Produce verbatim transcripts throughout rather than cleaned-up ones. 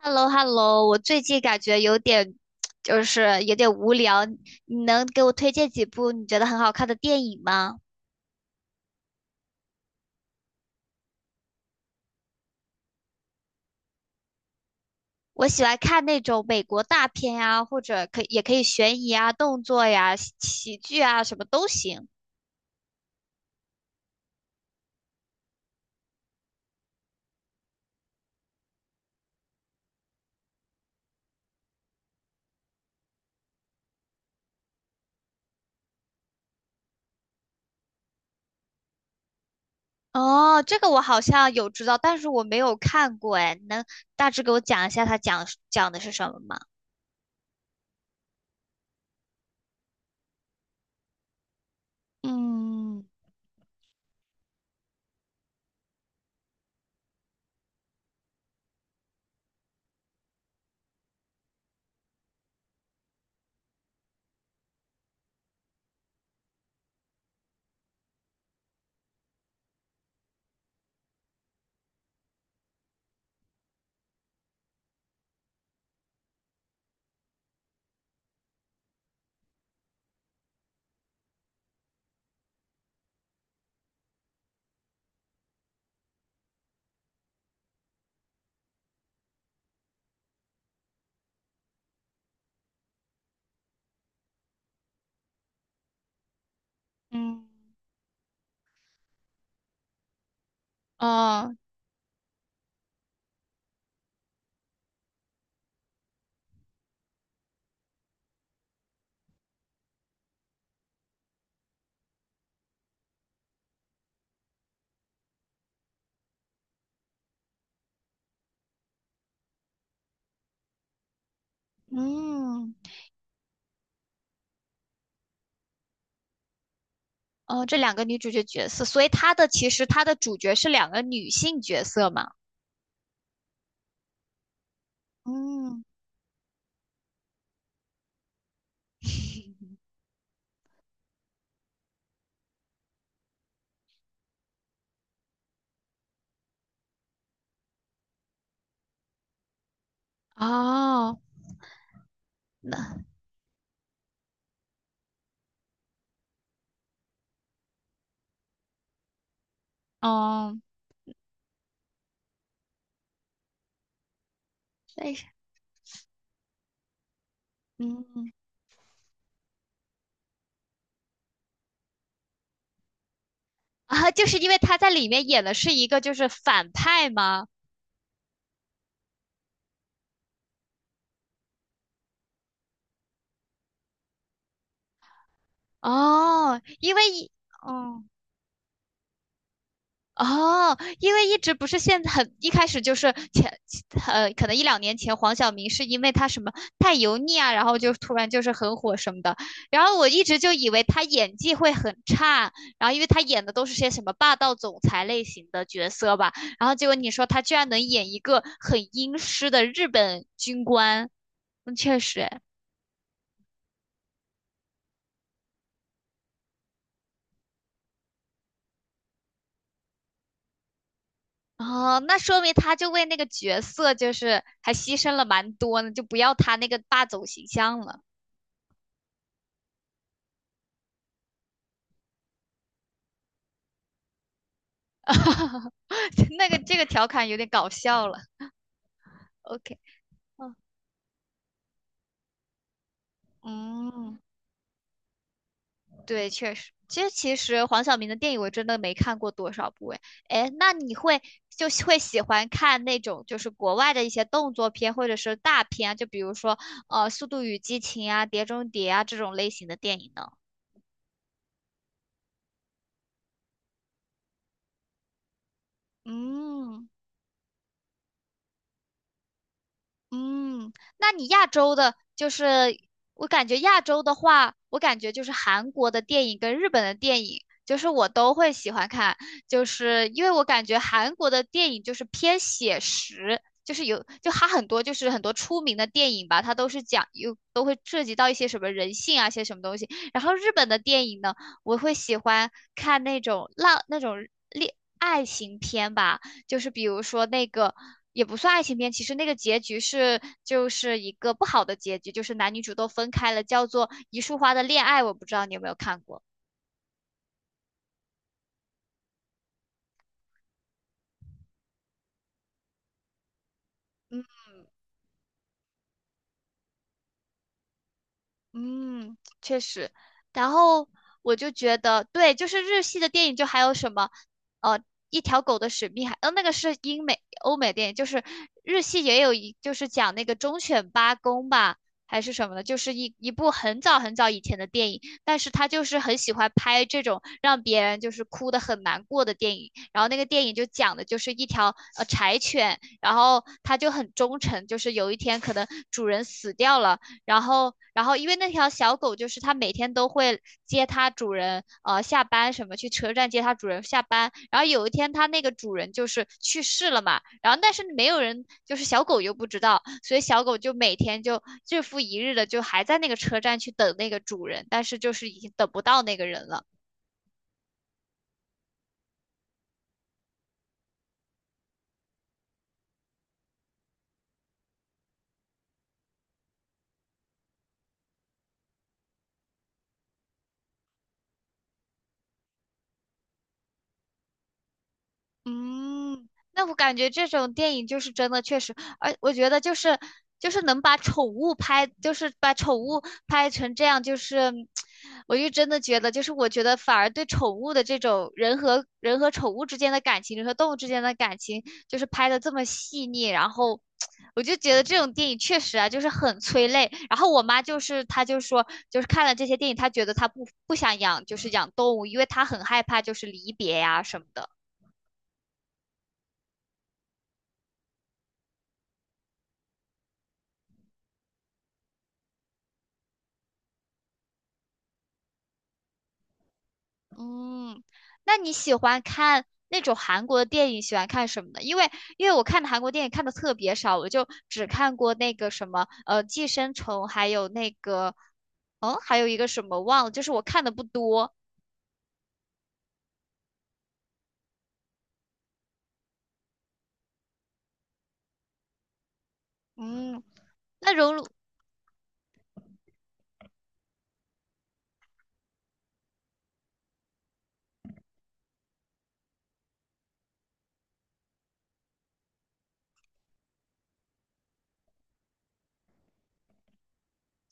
h e l l o h e l l o 我最近感觉有点，就是有点无聊。你能给我推荐几部你觉得很好看的电影吗？我喜欢看那种美国大片呀，或者可以也可以悬疑啊、动作呀、喜喜剧啊，什么都行。哦，这个我好像有知道，但是我没有看过哎。你能大致给我讲一下它讲讲的是什么吗？嗯嗯哦嗯，哦，这两个女主角角色，所以她的其实她的主角是两个女性角色嘛？嗯，哦，哦，为啥？嗯，啊，就是因为她在里面演的是一个就是反派吗？哦，因为，哦。哦，因为一直不是现在很一开始就是前呃，可能一两年前黄晓明是因为他什么太油腻啊，然后就突然就是很火什么的，然后我一直就以为他演技会很差，然后因为他演的都是些什么霸道总裁类型的角色吧，然后结果你说他居然能演一个很阴湿的日本军官，嗯，确实诶，哦，那说明他就为那个角色就是还牺牲了蛮多呢，就不要他那个霸总形象了。那个这个调侃有点搞笑了。OK,嗯嗯，对，确实，其实其实黄晓明的电影我真的没看过多少部诶。哎，那你会就会喜欢看那种就是国外的一些动作片或者是大片啊，就比如说呃《速度与激情》啊、《碟中谍》啊这种类型的电影呢？嗯。嗯，那你亚洲的，就是我感觉亚洲的话，我感觉就是韩国的电影跟日本的电影，就是我都会喜欢看，就是因为我感觉韩国的电影就是偏写实，就是有就它很多就是很多出名的电影吧，它都是讲有都会涉及到一些什么人性啊，一些什么东西。然后日本的电影呢，我会喜欢看那种浪那种恋爱情片吧。就是比如说那个也不算爱情片，其实那个结局是就是一个不好的结局，就是男女主都分开了，叫做《一束花的恋爱》，我不知道你有没有看过。嗯。嗯，确实。然后我就觉得，对，就是日系的电影，就还有什么，呃，一条狗的使命还，呃，那个是英美、欧美电影，就是日系也有一，就是讲那个忠犬八公吧，还是什么的，就是一一部很早很早以前的电影，但是他就是很喜欢拍这种让别人就是哭的很难过的电影。然后那个电影就讲的就是一条呃柴犬，然后它就很忠诚，就是有一天可能主人死掉了。然后，然后因为那条小狗就是它每天都会接它主人，呃，下班什么去车站接它主人下班。然后有一天它那个主人就是去世了嘛，然后但是没有人，就是小狗又不知道，所以小狗就每天就日复一日的就还在那个车站去等那个主人，但是就是已经等不到那个人了。嗯，那我感觉这种电影就是真的确实，而我觉得就是就是能把宠物拍，就是把宠物拍成这样，就是我就真的觉得，就是我觉得反而对宠物的这种人和人和宠物之间的感情，人和动物之间的感情，就是拍的这么细腻，然后我就觉得这种电影确实啊，就是很催泪。然后我妈就是她就说，就是看了这些电影，她觉得她不不想养，就是养动物，因为她很害怕就是离别呀、什么的。嗯，那你喜欢看那种韩国的电影，喜欢看什么呢？因为因为我看的韩国电影看的特别少，我就只看过那个什么呃《寄生虫》，还有那个哦，还有一个什么忘了，就是我看的不多。嗯，那荣辱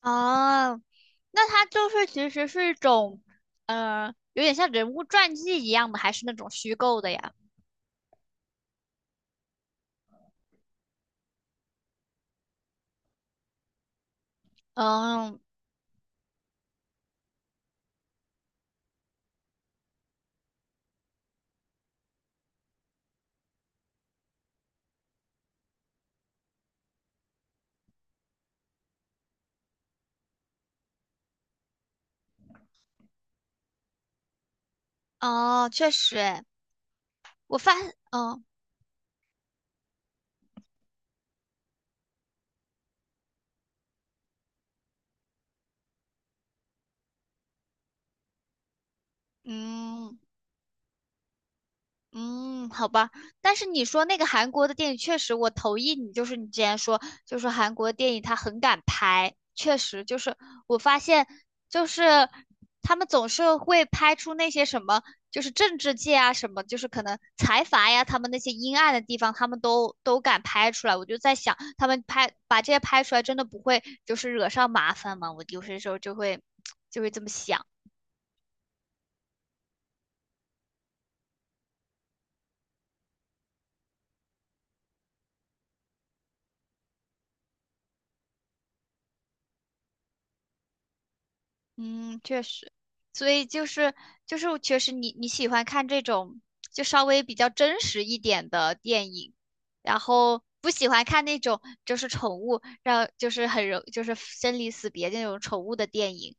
啊，那它就是其实是一种，呃，有点像人物传记一样的，还是那种虚构的呀？嗯哦，确实诶，我发嗯嗯。嗯，好吧，但是你说那个韩国的电影，确实我同意你，就是你之前说，就是韩国电影它很敢拍，确实就是我发现，就是他们总是会拍出那些什么，就是政治界啊什么，就是可能财阀呀，他们那些阴暗的地方，他们都都敢拍出来。我就在想，他们拍把这些拍出来，真的不会就是惹上麻烦吗？我有些时候就会 就会这么想。嗯，确实，所以就是就是确实你你喜欢看这种就稍微比较真实一点的电影，然后不喜欢看那种就是宠物让就是很容就是生离死别那种宠物的电影。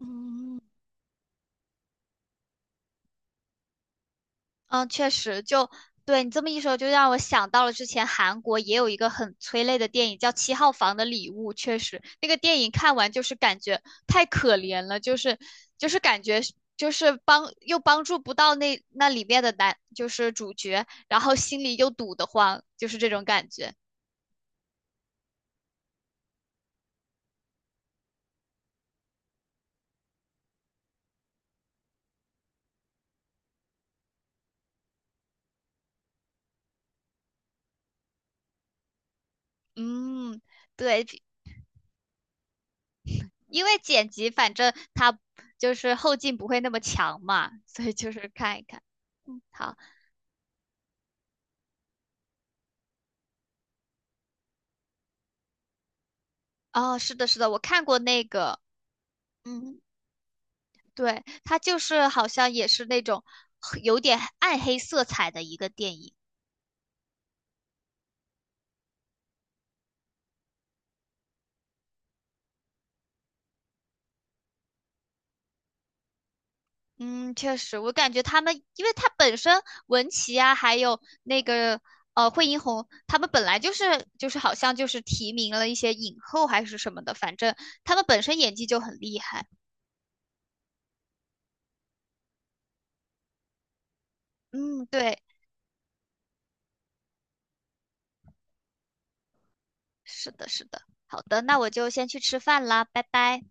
嗯，嗯，确实，就对你这么一说，就让我想到了之前韩国也有一个很催泪的电影，叫《七号房的礼物》。确实，那个电影看完就是感觉太可怜了，就是就是感觉是就是帮又帮助不到那那里面的男，就是主角，然后心里又堵得慌，就是这种感觉。嗯，对，因为剪辑反正他就是后劲不会那么强嘛，所以就是看一看。嗯，好。哦，是的，是的，我看过那个，嗯，对，它就是好像也是那种有点暗黑色彩的一个电影。嗯，确实，我感觉他们，因为他本身文琪啊，还有那个呃惠英红，他们本来就是就是好像就是提名了一些影后还是什么的，反正他们本身演技就很厉害。嗯，对，是的，是的。好的，那我就先去吃饭啦，拜拜。